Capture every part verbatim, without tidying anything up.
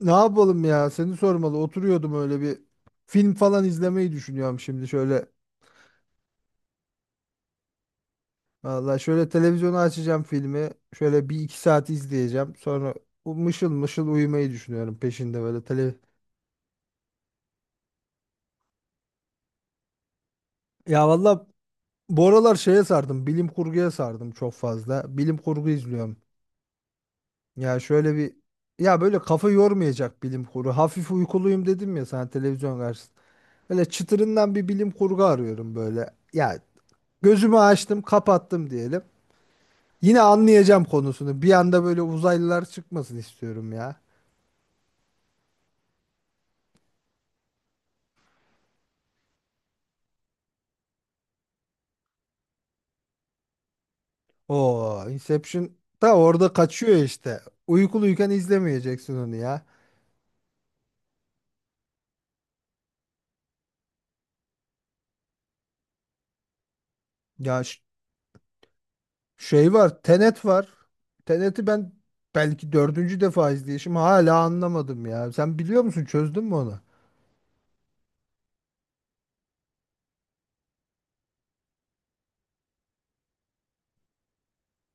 Ne yapalım ya? Seni sormalı. Oturuyordum öyle bir film falan izlemeyi düşünüyorum şimdi şöyle. Valla şöyle televizyonu açacağım filmi. Şöyle bir iki saat izleyeceğim. Sonra u- mışıl mışıl uyumayı düşünüyorum peşinde böyle tele. Ya valla bu aralar şeye sardım. Bilim kurguya sardım çok fazla. Bilim kurgu izliyorum. Ya şöyle bir ya böyle kafa yormayacak bilim kurgu. Hafif uykuluyum dedim ya sana televizyon karşısında. Böyle çıtırından bir bilim kurgu arıyorum böyle. Ya gözümü açtım, kapattım diyelim. Yine anlayacağım konusunu. Bir anda böyle uzaylılar çıkmasın istiyorum ya. O, Inception da orada kaçıyor işte. Uykuluyken izlemeyeceksin onu ya. Ya ş- Şey var, Tenet var. Tenet'i ben belki dördüncü defa izleyişim hala anlamadım ya. Sen biliyor musun? Çözdün mü onu?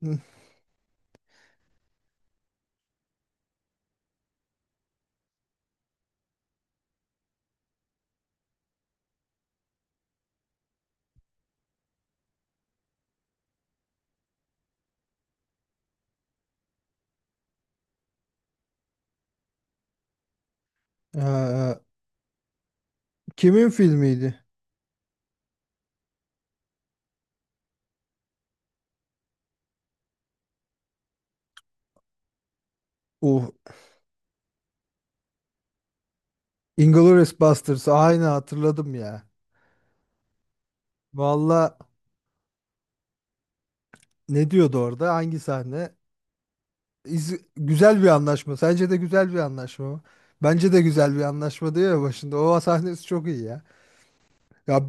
Hı. Ee, Kimin filmiydi? Uh, Inglourious Basterds. Aynı hatırladım ya. Valla ne diyordu orada? Hangi sahne? İz- güzel bir anlaşma. Sence de güzel bir anlaşma mı? Bence de güzel bir anlaşma diyor ya başında. O sahnesi çok iyi ya. Ya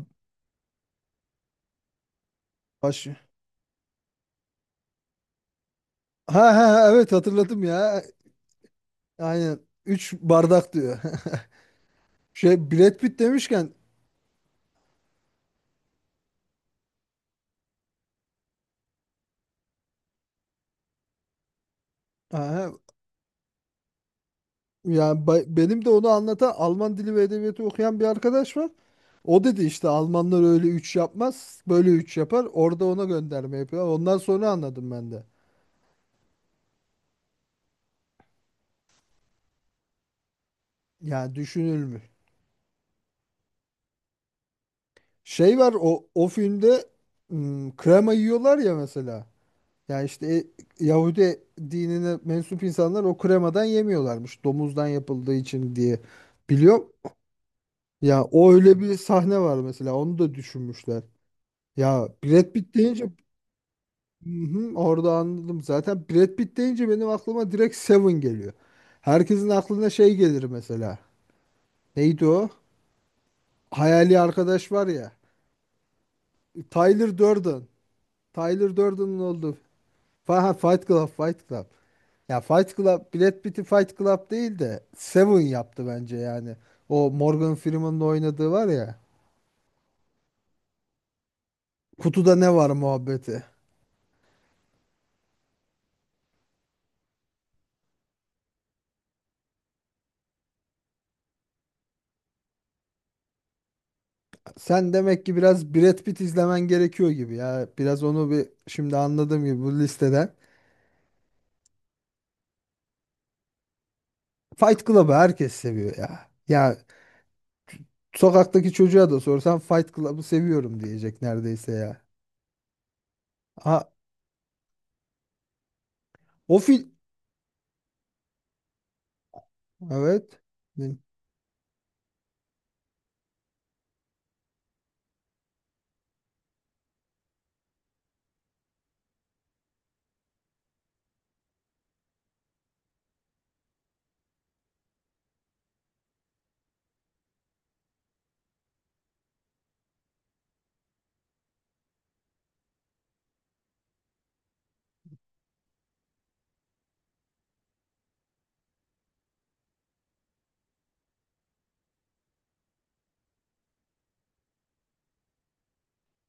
baş... Ha ha ha, evet hatırladım ya. Aynen. Üç bardak diyor. Şey Brad Pitt demişken ha, ha, ya ba- benim de onu anlatan Alman dili ve edebiyatı okuyan bir arkadaş var. O dedi işte Almanlar öyle üç yapmaz. Böyle üç yapar. Orada ona gönderme yapıyor. Ondan sonra anladım ben de. Yani düşünülmüş. Şey var o o filmde m, krema yiyorlar ya mesela. Yani işte e, Yahudi dinine mensup insanlar o kremadan yemiyorlarmış. Domuzdan yapıldığı için diye biliyorum. Ya o öyle bir sahne var mesela. Onu da düşünmüşler. Ya Brad Pitt deyince hı hı, orada anladım. Zaten Brad Pitt deyince benim aklıma direkt Seven geliyor. Herkesin aklına şey gelir mesela. Neydi o? Hayali arkadaş var ya. Tyler Durden. Tyler Durden'ın oldu. Fa- ha, Fight Club, Fight Club. Ya Fight Club, Brad Pitt'i Fight Club değil de Seven yaptı bence yani. O Morgan Freeman'ın oynadığı var ya. Kutuda ne var muhabbeti. Sen demek ki biraz Brad Pitt izlemen gerekiyor gibi ya. Biraz onu bir şimdi anladığım gibi bu listeden. Fight Club'ı herkes seviyor ya. Ya sokaktaki çocuğa da sorsan Fight Club'ı seviyorum diyecek neredeyse ya. Ha, o film. Evet.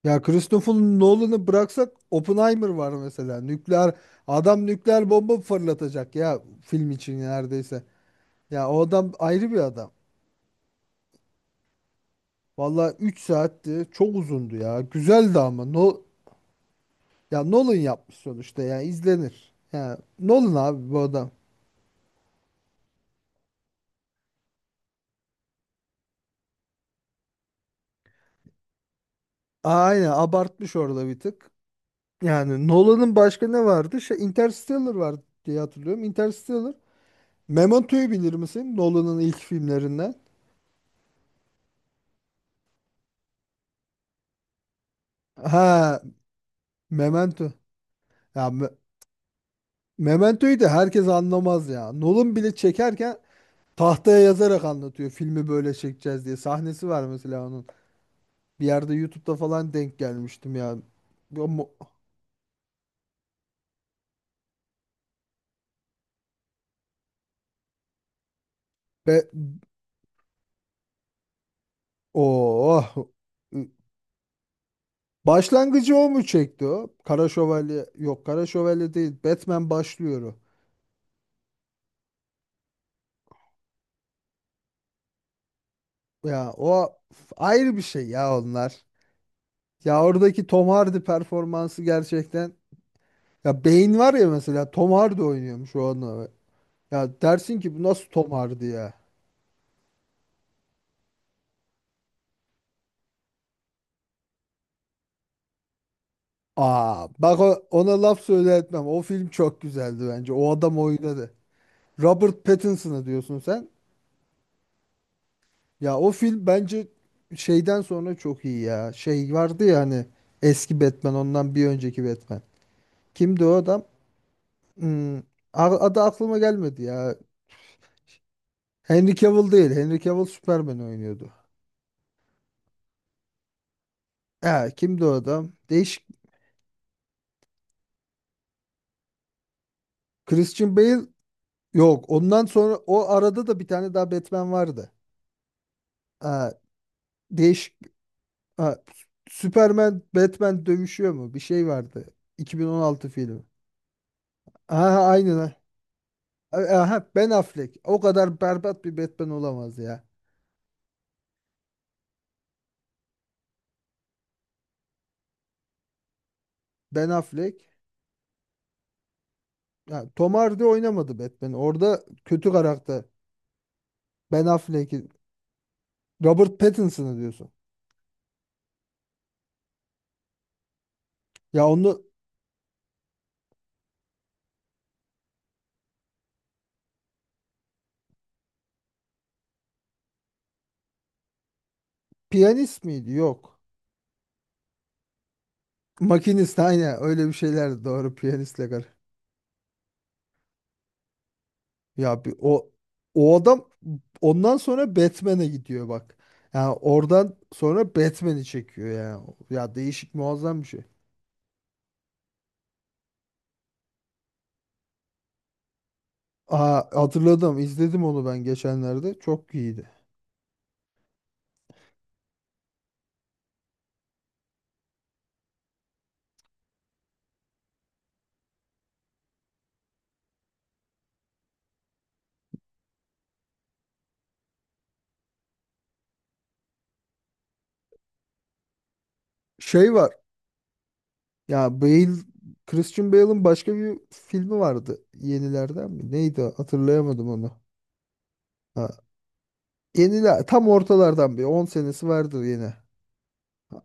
Ya Christopher Nolan'ı bıraksak Oppenheimer var mesela. Nükleer adam nükleer bomba fırlatacak ya film için neredeyse. Ya o adam ayrı bir adam. Vallahi üç saatti. Çok uzundu ya. Güzeldi ama. No, Ya Nolan yapmış sonuçta ya izlenir. Ya Nolan abi bu adam. Aynen abartmış orada bir tık. Yani Nolan'ın başka ne vardı? Şey Interstellar vardı diye hatırlıyorum. Interstellar. Memento'yu bilir misin? Nolan'ın ilk filmlerinden. Ha, Memento. Ya Me- Memento'yu da herkes anlamaz ya. Nolan bile çekerken tahtaya yazarak anlatıyor filmi böyle çekeceğiz diye. Sahnesi var mesela onun. Bir yerde YouTube'da falan denk gelmiştim ya. Ya mu- Be oh. Başlangıcı o mu çekti o? Kara Şövalye yok Kara Şövalye değil. Batman başlıyor o. Ya o ayrı bir şey ya onlar. Ya oradaki Tom Hardy performansı gerçekten ya beyin var ya mesela Tom Hardy oynuyormuş o an. Ya dersin ki bu nasıl Tom Hardy ya? Aa bak o- ona laf söyle etmem. O film çok güzeldi bence. O adam oynadı. Robert Pattinson'a diyorsun sen. Ya o film bence şeyden sonra çok iyi ya. Şey vardı ya hani eski Batman ondan bir önceki Batman. Kimdi o adam? Hmm, a- Adı aklıma gelmedi ya. Henry Cavill değil. Henry Cavill Superman oynuyordu. Ha, kimdi o adam? Değişik. Christian Bale yok. Ondan sonra o arada da bir tane daha Batman vardı. Değişik. Ha, Superman, Batman dövüşüyor mu? Bir şey vardı. iki bin on altı filmi. Aha aynen. Ha. Aha Ben Affleck. O kadar berbat bir Batman olamaz ya. Ben Affleck. Ya, Tom Hardy oynamadı Batman. Orada kötü karakter. Ben Affleck'i. Robert Pattinson'ı diyorsun. Ya onu piyanist miydi? Yok. Makinist aynen öyle bir şeyler doğru piyanistle kar. Ya bir o o adam ondan sonra Batman'e gidiyor bak. Yani oradan sonra Batman'i çekiyor ya. Ya değişik muazzam bir şey. Aa, hatırladım izledim onu ben geçenlerde. Çok iyiydi. Şey var ya Bale Christian Bale'ın başka bir filmi vardı yenilerden mi? Neydi o? Hatırlayamadım onu. Ha, Yeniler tam ortalardan bir on senesi vardır yine. Ha,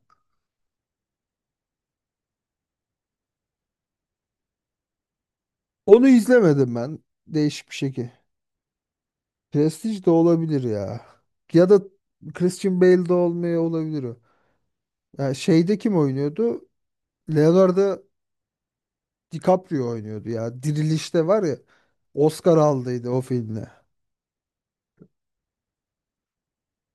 Onu izlemedim ben. Değişik bir şekil. Prestige de olabilir ya. Ya da Christian Bale de olmaya olabilir o. Ya şeyde kim oynuyordu? Leonardo DiCaprio oynuyordu ya. Dirilişte var ya. Oscar aldıydı o filmle.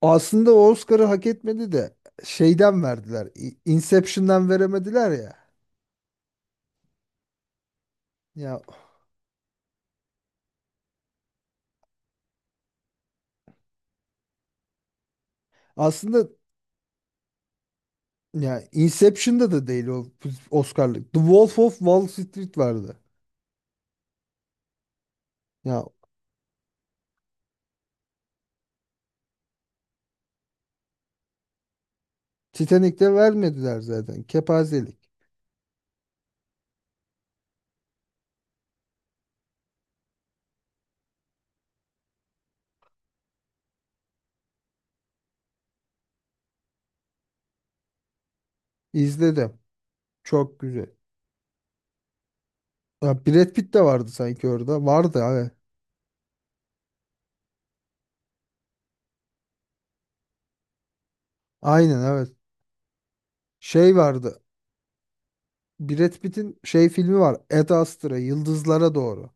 Aslında o Oscar'ı hak etmedi de şeyden verdiler. İ- Inception'dan veremediler ya. Ya aslında ya Inception'da da değil o Oscar'lık. The Wolf of Wall Street vardı. Ya Titanic'te vermediler zaten. Kepazelik. İzledim. Çok güzel. Ya Brad Pitt de vardı sanki orada. Vardı evet. Aynen evet. Şey vardı. Brad Pitt'in şey filmi var. Ad Astra Yıldızlara Doğru.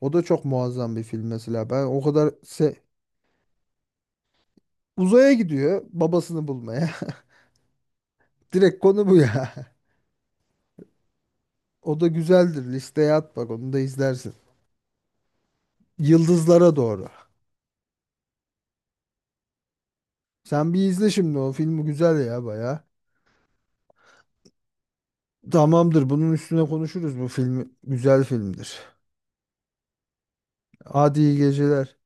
O da çok muazzam bir film mesela. Ben o kadar se Uzaya gidiyor babasını bulmaya. Direkt konu bu ya. O da güzeldir. Listeye at bak onu da izlersin. Yıldızlara doğru. Sen bir izle şimdi o filmi güzel ya baya. Tamamdır bunun üstüne konuşuruz bu filmi. Güzel filmdir. Hadi iyi geceler.